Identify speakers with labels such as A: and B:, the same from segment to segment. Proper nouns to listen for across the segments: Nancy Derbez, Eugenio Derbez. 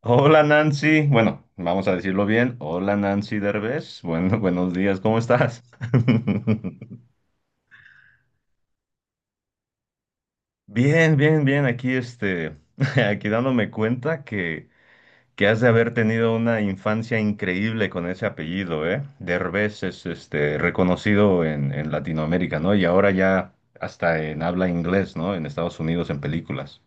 A: Hola Nancy, bueno, vamos a decirlo bien. Hola Nancy Derbez, bueno, buenos días, ¿cómo estás? Bien, bien, bien, aquí este, aquí dándome cuenta que has de haber tenido una infancia increíble con ese apellido, ¿eh? Derbez es este, reconocido en Latinoamérica, ¿no? Y ahora ya hasta en habla inglés, ¿no? En Estados Unidos, en películas.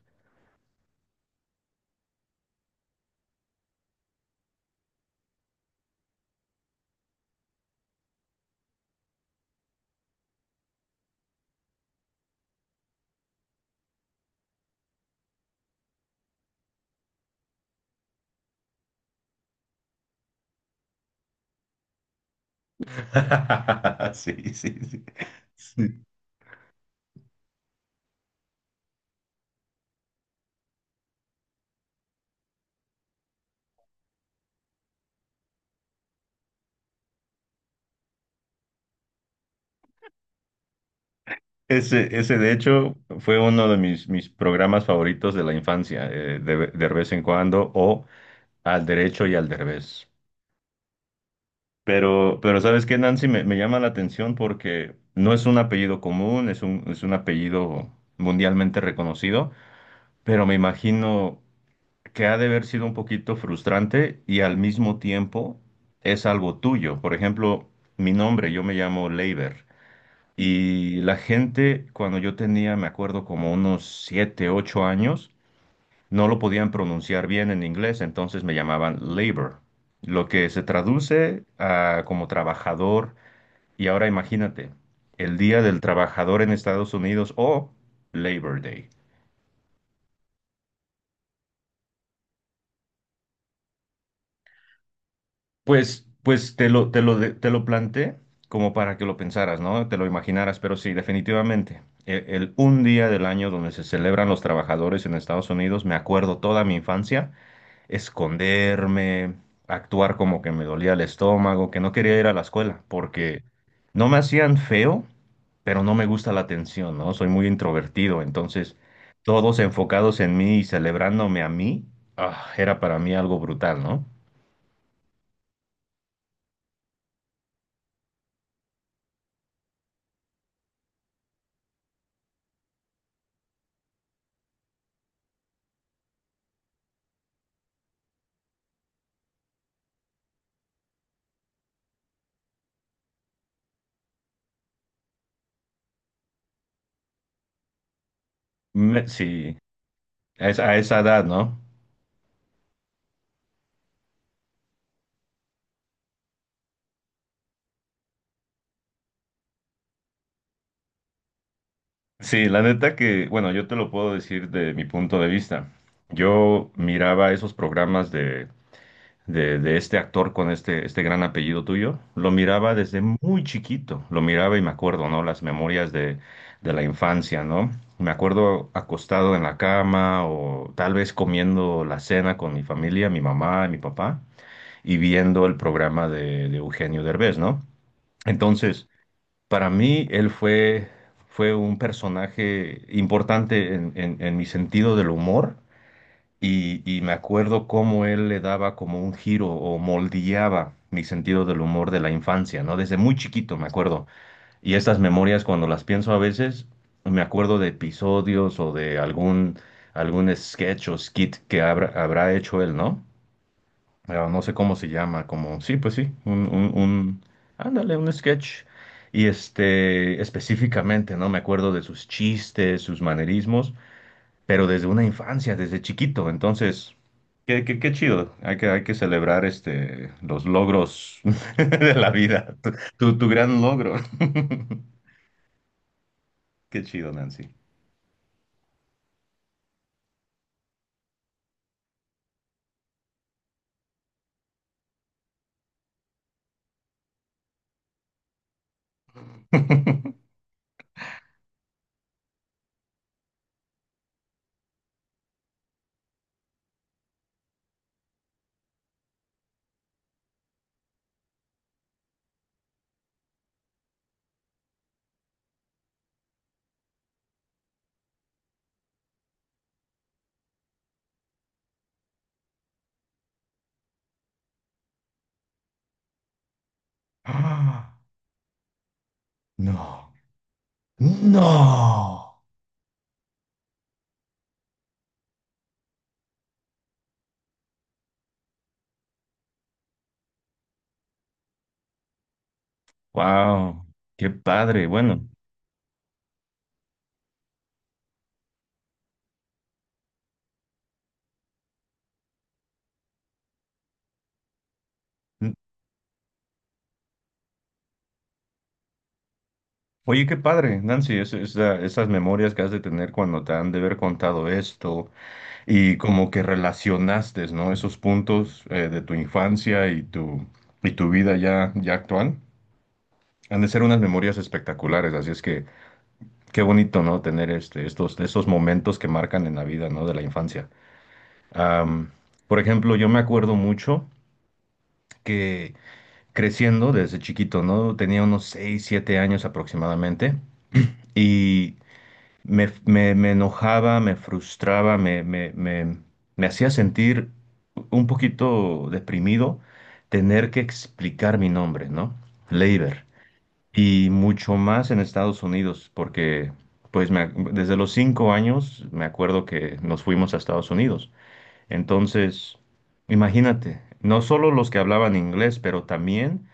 A: Sí, sí, sí. Sí. Ese de hecho fue uno de mis programas favoritos de la infancia, de vez en cuando, o al derecho y al derbez. Pero ¿sabes qué, Nancy? Me llama la atención porque no es un apellido común, es un apellido mundialmente reconocido, pero me imagino que ha de haber sido un poquito frustrante y al mismo tiempo es algo tuyo. Por ejemplo, mi nombre, yo me llamo Leiber. Y la gente, cuando yo tenía, me acuerdo, como unos 7 8 años, no lo podían pronunciar bien en inglés, entonces me llamaban labor, lo que se traduce a como trabajador. Y ahora imagínate, el Día del Trabajador en Estados Unidos o Labor Day. Pues te lo planteé como para que lo pensaras, ¿no? Te lo imaginaras, pero sí, definitivamente. El un día del año donde se celebran los trabajadores en Estados Unidos, me acuerdo toda mi infancia esconderme, actuar como que me dolía el estómago, que no quería ir a la escuela, porque no me hacían feo, pero no me gusta la atención, ¿no? Soy muy introvertido, entonces todos enfocados en mí y celebrándome a mí, ah, era para mí algo brutal, ¿no? Sí, a esa edad, ¿no? Sí, la neta que, bueno, yo te lo puedo decir de mi punto de vista. Yo miraba esos programas de este actor con este gran apellido tuyo, lo miraba desde muy chiquito, lo miraba y me acuerdo, ¿no? Las memorias de la infancia, ¿no? Me acuerdo acostado en la cama o tal vez comiendo la cena con mi familia, mi mamá y mi papá, y viendo el programa de Eugenio Derbez, ¿no? Entonces, para mí, él fue un personaje importante en mi sentido del humor y me acuerdo cómo él le daba como un giro o moldeaba mi sentido del humor de la infancia, ¿no? Desde muy chiquito me acuerdo. Y estas memorias, cuando las pienso a veces, me acuerdo de episodios o de algún sketch o skit que habrá hecho él, ¿no? Pero no sé cómo se llama, como, sí, pues sí, ándale, un sketch. Y este, específicamente, ¿no? Me acuerdo de sus chistes, sus manerismos pero desde una infancia, desde chiquito. Entonces, qué chido. Hay que celebrar este, los logros de la vida. Tu gran logro. Qué chido, Nancy. Ah, no, no. Wow, qué padre. Bueno, n- oye, qué padre, Nancy, esas memorias que has de tener cuando te han de haber contado esto. Y como que relacionaste, ¿no? Esos puntos de tu infancia y tu vida ya actual. Han de ser unas memorias espectaculares, así es que qué bonito, ¿no? Tener este, estos momentos que marcan en la vida, ¿no? De la infancia. Am, por ejemplo, yo me acuerdo mucho que creciendo desde chiquito, ¿no? Tenía unos 6 7 años aproximadamente y me enojaba, me frustraba, me hacía sentir un poquito deprimido tener que explicar mi nombre, ¿no? Leiber. Y mucho más en Estados Unidos, porque pues desde los 5 años me acuerdo que nos fuimos a Estados Unidos. Entonces, imagínate, no solo los que hablaban inglés, pero también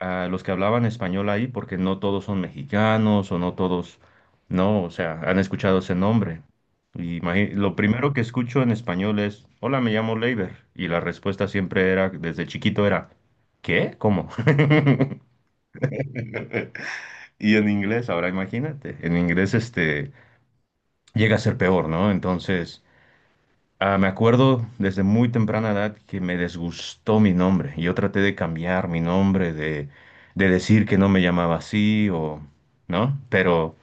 A: a los que hablaban español ahí, porque no todos son mexicanos o no todos, no, o sea, han escuchado ese nombre. Y lo primero que escucho en español es, hola, me llamo Leiber. Y la respuesta siempre era, desde chiquito era, ¿qué? ¿Cómo? Y en inglés, ahora imagínate, en inglés este llega a ser peor, ¿no? Entonces. Ah, me acuerdo desde muy temprana edad que me desgustó mi nombre. Yo traté de cambiar mi nombre, de decir que no me llamaba así o, ¿no? Pero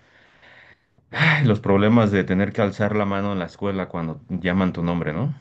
A: ay, los problemas de tener que alzar la mano en la escuela cuando llaman tu nombre, ¿no?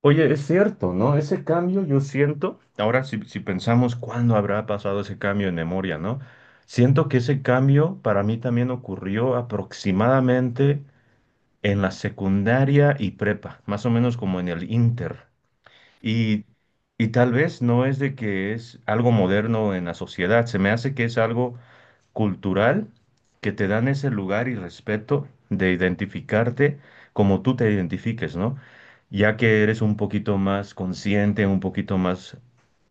A: Oye, es cierto, ¿no? Ese cambio yo siento. Ahora, si pensamos cuándo habrá pasado ese cambio en memoria, ¿no? Siento que ese cambio para mí también ocurrió aproximadamente en la secundaria y prepa, más o menos como en el inter. Y, y tal vez no es de que es algo moderno en la sociedad, se me hace que es algo cultural que te dan ese lugar y respeto de identificarte como tú te identifiques, ¿no? Ya que eres un poquito más consciente, un poquito más,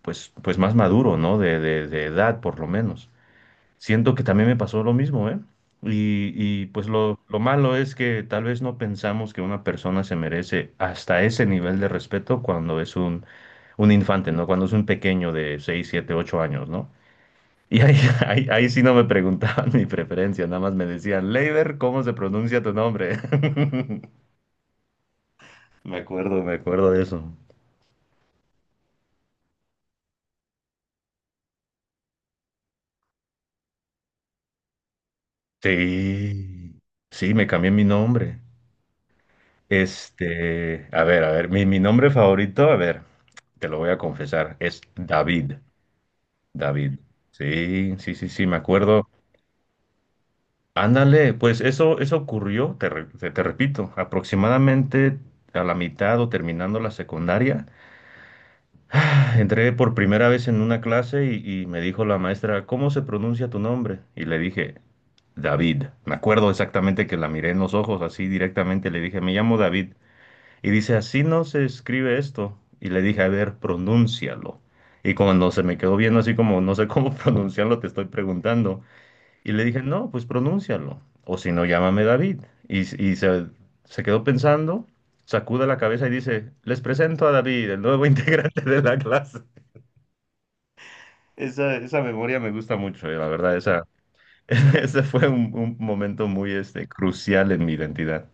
A: pues más maduro, ¿no? De edad, por lo menos. Siento que también me pasó lo mismo, ¿eh? Pues lo malo es que tal vez no pensamos que una persona se merece hasta ese nivel de respeto cuando es un infante, ¿no? Cuando es un pequeño de 6 7 8 años, ¿no? Y ahí, ahí sí no me preguntaban mi preferencia, nada más me decían, Leiber, ¿cómo se pronuncia tu nombre? Me acuerdo de eso. Sí, sí, me cambié mi nombre. Este, a ver, mi nombre favorito, a ver, te lo voy a confesar, es David. David. Sí, sí, sí, sí, me acuerdo. Ándale, pues eso ocurrió, te repito, aproximadamente a la mitad o terminando la secundaria. Entré por primera vez en una clase y me dijo la maestra, ¿cómo se pronuncia tu nombre? Y le dije, David. Me acuerdo exactamente que la miré en los ojos así directamente, le dije, me llamo David. Y dice, así no se escribe esto. Y le dije, a ver, pronúncialo. Y cuando se me quedó viendo así como, no sé cómo pronunciarlo, te estoy preguntando. Y le dije, no, pues pronúncialo. O si no, llámame David. Y se quedó pensando, sacude la cabeza y dice, les presento a David, el nuevo integrante de la clase. Esa memoria me gusta mucho, la verdad, esa, ese fue un momento muy este, crucial en mi identidad.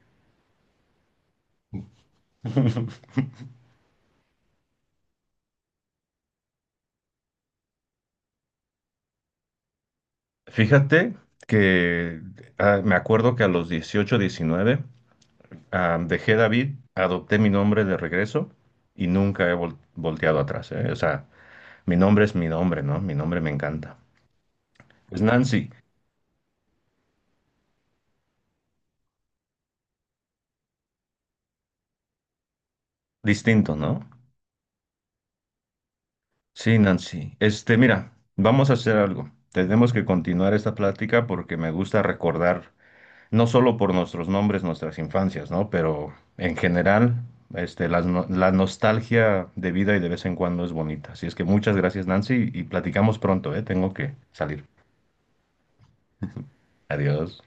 A: Fíjate que me acuerdo que a los 18, 19 dejé David, adopté mi nombre de regreso y nunca he volteado atrás, ¿eh? O sea, mi nombre es mi nombre, ¿no? Mi nombre me encanta. Pues Nancy, distinto, ¿no? Sí, Nancy. Este, mira, vamos a hacer algo. Tenemos que continuar esta plática porque me gusta recordar no solo por nuestros nombres, nuestras infancias, ¿no? Pero en general, este, las no- la, nostalgia de vida y de vez en cuando es bonita. Así es que muchas gracias, Nancy, y platicamos pronto, ¿eh? Tengo que salir. Adiós.